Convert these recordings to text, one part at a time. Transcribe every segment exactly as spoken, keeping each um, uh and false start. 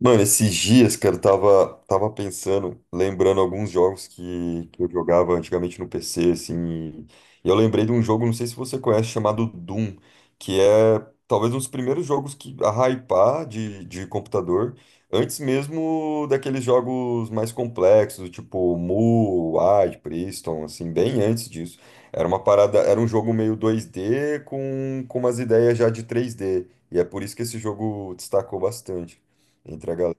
Mano, esses dias, cara, eu tava, tava pensando, lembrando alguns jogos que, que eu jogava antigamente no P C, assim, e, e eu lembrei de um jogo, não sei se você conhece, chamado Doom, que é talvez um dos primeiros jogos que a hypar de, de computador, antes mesmo daqueles jogos mais complexos, tipo Mu, Wide, Priston, assim, bem antes disso. Era uma parada, era um jogo meio dois d com, com umas ideias já de três d e é por isso que esse jogo destacou bastante entre a galera.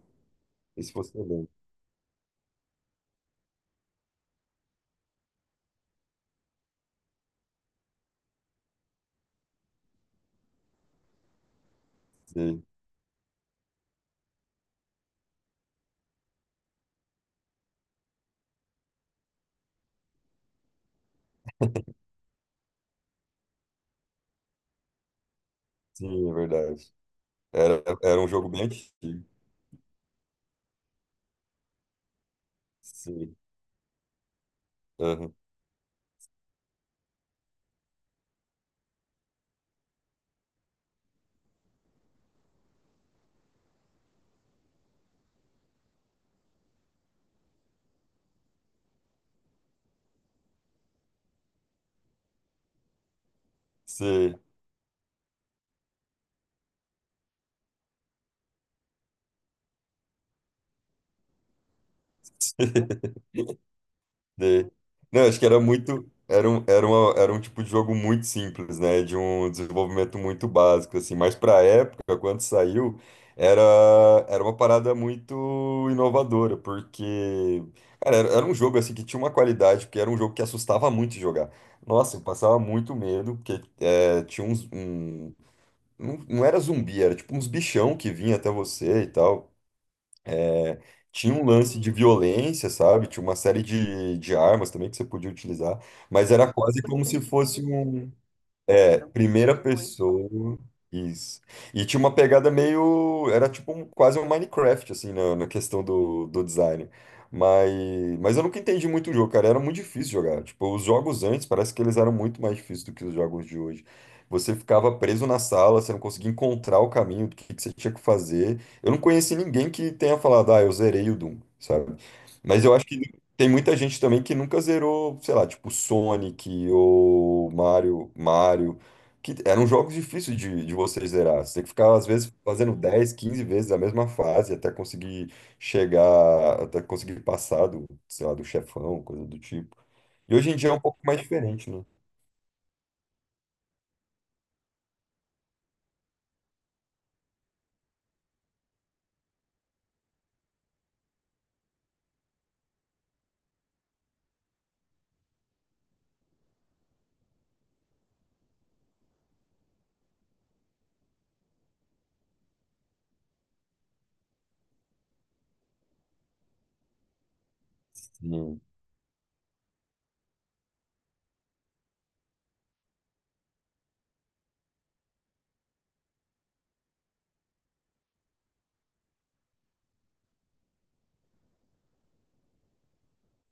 Isso você lembra? Sim, sim, é verdade. Era, era um jogo bem antigo. Sim, aham. Sim, sim. Não, acho que era muito. Era um, era uma, era um tipo de jogo muito simples, né? De um desenvolvimento muito básico, assim. Mas pra época, quando saiu, era, era uma parada muito inovadora, porque, cara, era, era um jogo, assim, que tinha uma qualidade, porque era um jogo que assustava muito de jogar. Nossa, eu passava muito medo, porque é, tinha uns, um- Não, não era zumbi, era tipo uns bichão que vinha até você e tal. É, tinha um lance de violência, sabe? Tinha uma série de, de armas também que você podia utilizar, mas era quase como se fosse um. É, era um primeira muito pessoa. Isso. E tinha uma pegada meio. Era tipo um- quase um Minecraft, assim, na, na questão do, do design. Mas, mas eu nunca entendi muito o jogo, cara. Era muito difícil jogar. Tipo, os jogos antes parece que eles eram muito mais difíceis do que os jogos de hoje. Você ficava preso na sala, você não conseguia encontrar o caminho do que, que você tinha que fazer. Eu não conheci ninguém que tenha falado, ah, eu zerei o Doom, sabe? Mas eu acho que tem muita gente também que nunca zerou, sei lá, tipo Sonic ou Mario, Mario, que eram jogos difíceis de, de você zerar. Você tem que ficar, às vezes, fazendo dez quinze vezes a mesma fase até conseguir chegar, até conseguir passar do, sei lá, do chefão, coisa do tipo. E hoje em dia é um pouco mais diferente, né? Sim,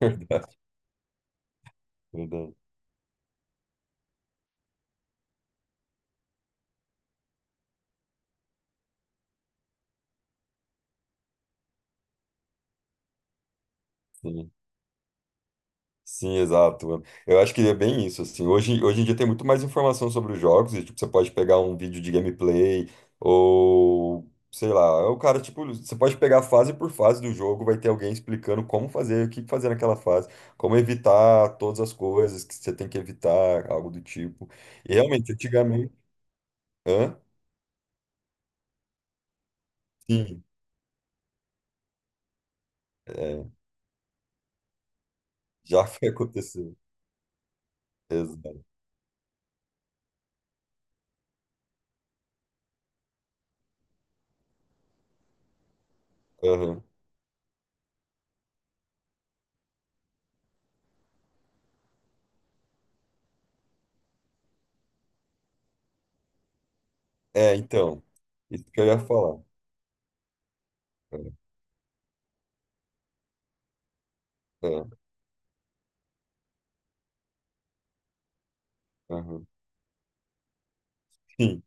verdade, verdade. Sim, exato. Eu acho que é bem isso, assim. Hoje, hoje em dia tem muito mais informação sobre os jogos e, tipo, você pode pegar um vídeo de gameplay ou, sei lá, é o cara, tipo, você pode pegar fase por fase do jogo, vai ter alguém explicando como fazer, o que fazer naquela fase, como evitar todas as coisas que você tem que evitar, algo do tipo. E realmente, antigamente... Hã? Sim, é, já foi acontecer. Exato. Aham. É, então, isso que eu ia falar. É, é, aham. Sim.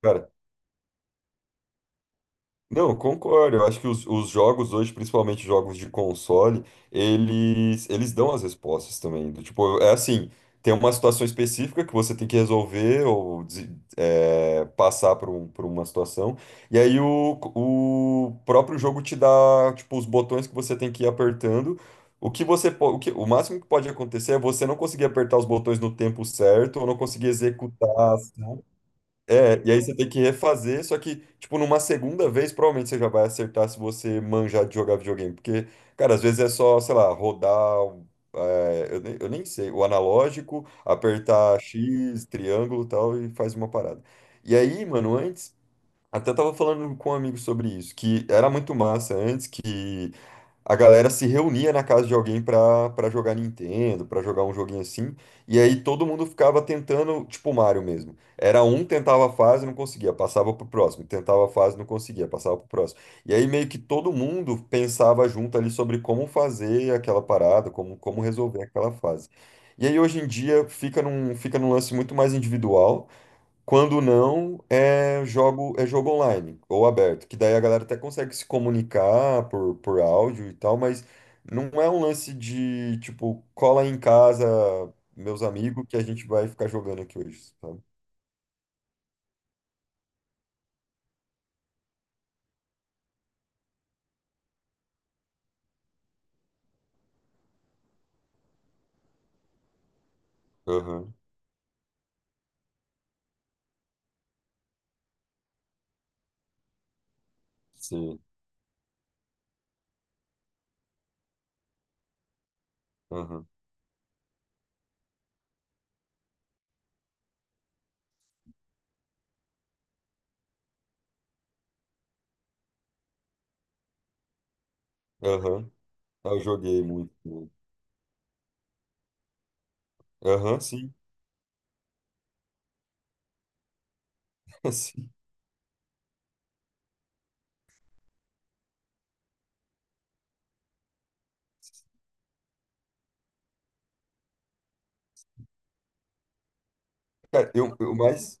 Cara, não, eu concordo. Eu acho que os, os jogos hoje, principalmente jogos de console, eles, eles dão as respostas também. Do tipo, é assim, tem uma situação específica que você tem que resolver ou des- é, passar por, um- por uma situação. E aí o, o próprio jogo te dá, tipo, os botões que você tem que ir apertando. O que você, po- o que, o máximo que pode acontecer é você não conseguir apertar os botões no tempo certo ou não conseguir executar a ação. É, e aí você tem que refazer, só que, tipo, numa segunda vez, provavelmente você já vai acertar se você manjar de jogar videogame. Porque, cara, às vezes é só, sei lá, rodar, é, eu nem, eu nem sei, o analógico, apertar X, triângulo e tal, e faz uma parada. E aí, mano, antes, até tava falando com um amigo sobre isso, que era muito massa antes que a galera se reunia na casa de alguém pra, pra jogar Nintendo, pra jogar um joguinho assim, e aí todo mundo ficava tentando, tipo Mario mesmo. Era um tentava a fase, não conseguia, passava pro próximo, tentava a fase, não conseguia, passava pro próximo. E aí meio que todo mundo pensava junto ali sobre como fazer aquela parada, como, como resolver aquela fase. E aí hoje em dia fica num, fica num lance muito mais individual. Quando não, é jogo, é jogo online ou aberto, que daí a galera até consegue se comunicar por, por áudio e tal, mas não é um lance de, tipo, cola aí em casa, meus amigos, que a gente vai ficar jogando aqui hoje, sabe? Aham, sim, aham, aham. Eu joguei muito. Né? Aham, sim, sim. Cara, eu, eu mais.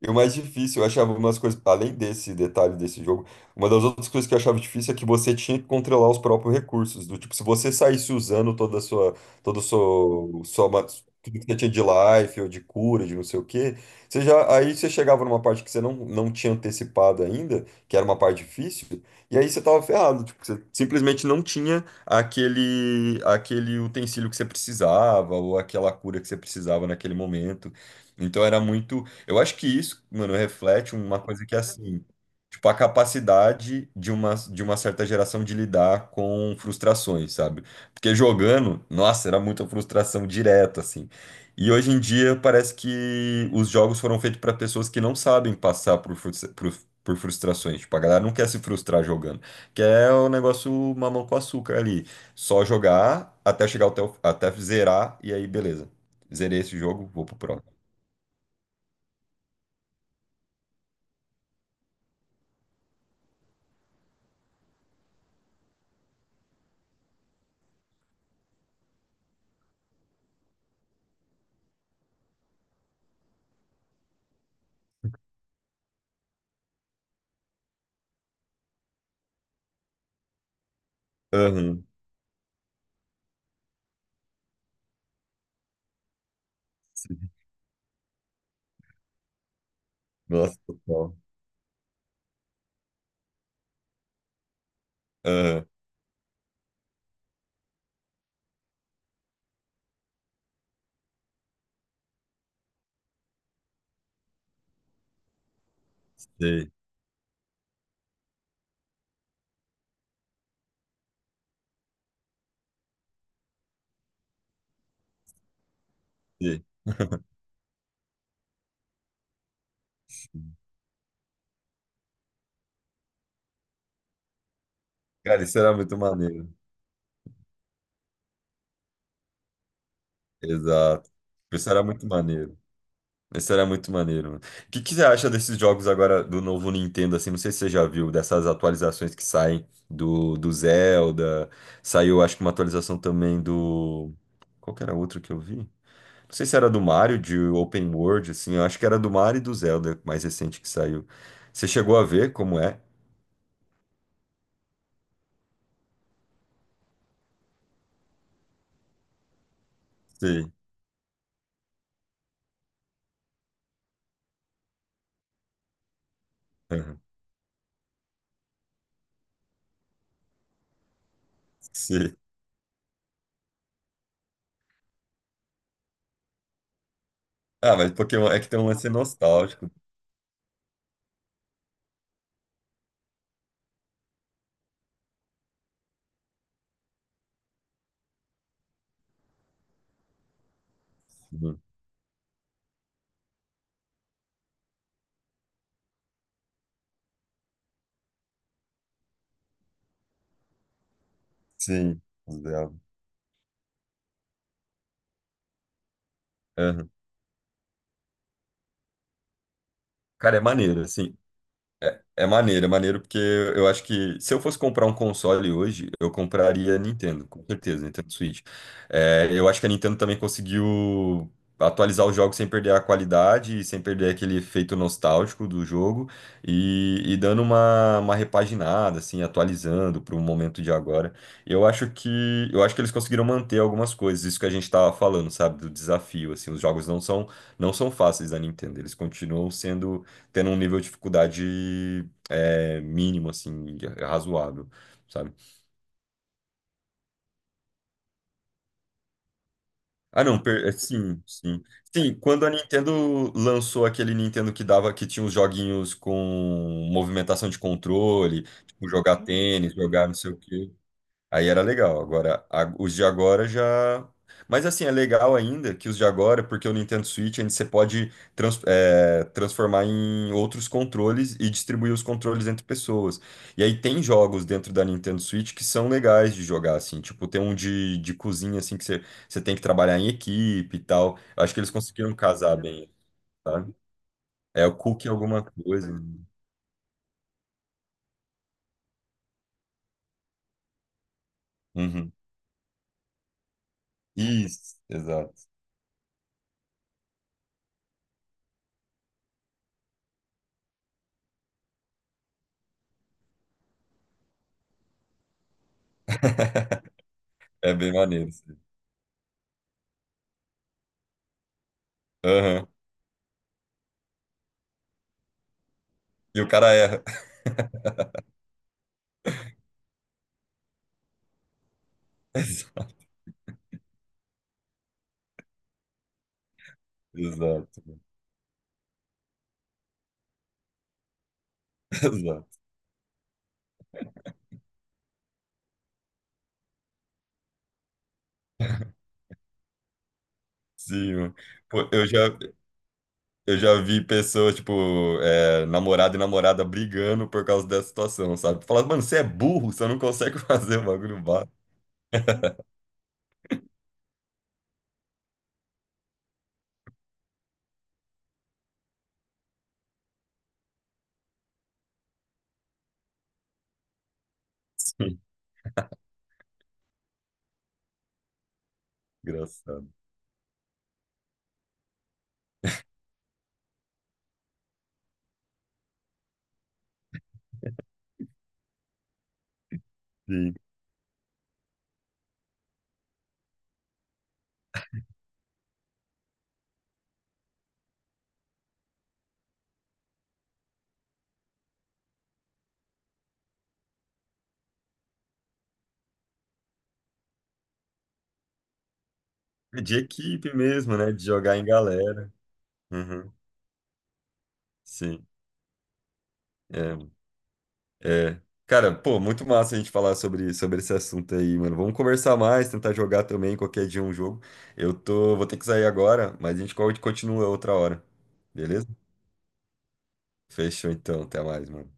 E o mais difícil, eu achava umas coisas, além desse detalhe desse jogo, uma das outras coisas que eu achava difícil é que você tinha que controlar os próprios recursos. Do tipo, se você saísse usando toda a sua, todo o seu, sua, ma- tudo que você tinha de life ou de cura, de não sei o quê, você já, aí você chegava numa parte que você não, não tinha antecipado ainda, que era uma parte difícil, e aí você tava ferrado. Tipo, você simplesmente não tinha aquele, aquele utensílio que você precisava ou aquela cura que você precisava naquele momento. Então era muito. Eu acho que isso, mano, reflete uma coisa que é assim, tipo, a capacidade de uma, de uma certa geração de lidar com frustrações, sabe? Porque jogando, nossa, era muita frustração direta, assim. E hoje em dia parece que os jogos foram feitos para pessoas que não sabem passar por, frustra- por, por frustrações. Tipo, a galera não quer se frustrar jogando, quer o negócio mamão com açúcar ali. Só jogar até chegar até, o- até zerar, e aí beleza. Zerei esse jogo, vou pro próximo. Aham. Nossa, total. Aham, sei, sei. Cara, isso era muito maneiro. Exato. Isso era muito maneiro. Isso era muito maneiro, mano. O que que você acha desses jogos agora do novo Nintendo, assim? Não sei se você já viu, dessas atualizações que saem do, do Zelda. Saiu, acho que uma atualização também do... Qual que era outro que eu vi? Não sei se era do Mario, de Open World, assim. Eu acho que era do Mario e do Zelda, mais recente que saiu. Você chegou a ver como é? Sim. Aham. Sim. Ah, mas Pokémon é que tem um lance nostálgico. Assim, né? Sim, os dela. Aham. Cara, é maneiro, assim. É maneiro, é maneiro porque eu acho que se eu fosse comprar um console hoje, eu compraria a Nintendo, com certeza, Nintendo Switch. É, eu acho que a Nintendo também conseguiu atualizar os jogos sem perder a qualidade, e sem perder aquele efeito nostálgico do jogo e, e dando uma, uma repaginada, assim, atualizando para o momento de agora. Eu acho que eu acho que eles conseguiram manter algumas coisas, isso que a gente estava falando, sabe, do desafio, assim, os jogos não são não são fáceis da Nintendo, eles continuam sendo tendo um nível de dificuldade é, mínimo, assim, razoável, sabe? Ah, não, per- é, sim, sim. Sim, quando a Nintendo lançou aquele Nintendo que dava, que tinha os joguinhos com movimentação de controle, tipo, jogar tênis, jogar não sei o quê. Aí era legal. Agora, a- os de agora já. Mas assim, é legal ainda que os de agora, porque o Nintendo Switch ainda você pode trans- é, transformar em outros controles e distribuir os controles entre pessoas. E aí tem jogos dentro da Nintendo Switch que são legais de jogar, assim. Tipo, tem um de, de cozinha, assim, que você, você tem que trabalhar em equipe e tal. Acho que eles conseguiram casar bem, sabe? É o cookie alguma coisa. Né? Uhum. Isso, exato. É bem maneiro. Aham. E o cara erra. Exato, exato. Sim, mano. Pô, eu já, eu já vi pessoas, tipo, é, namorado e namorada brigando por causa dessa situação, sabe? Falar, mano, você é burro, você não consegue fazer o bagulho básico. Sim, engraçado. Sim. É de equipe mesmo, né? De jogar em galera. Uhum, sim. É, é. Cara, pô, muito massa a gente falar sobre, sobre esse assunto aí, mano. Vamos conversar mais, tentar jogar também qualquer dia um jogo. Eu tô, vou ter que sair agora, mas a gente co- continua outra hora. Beleza? Fechou então, até mais, mano.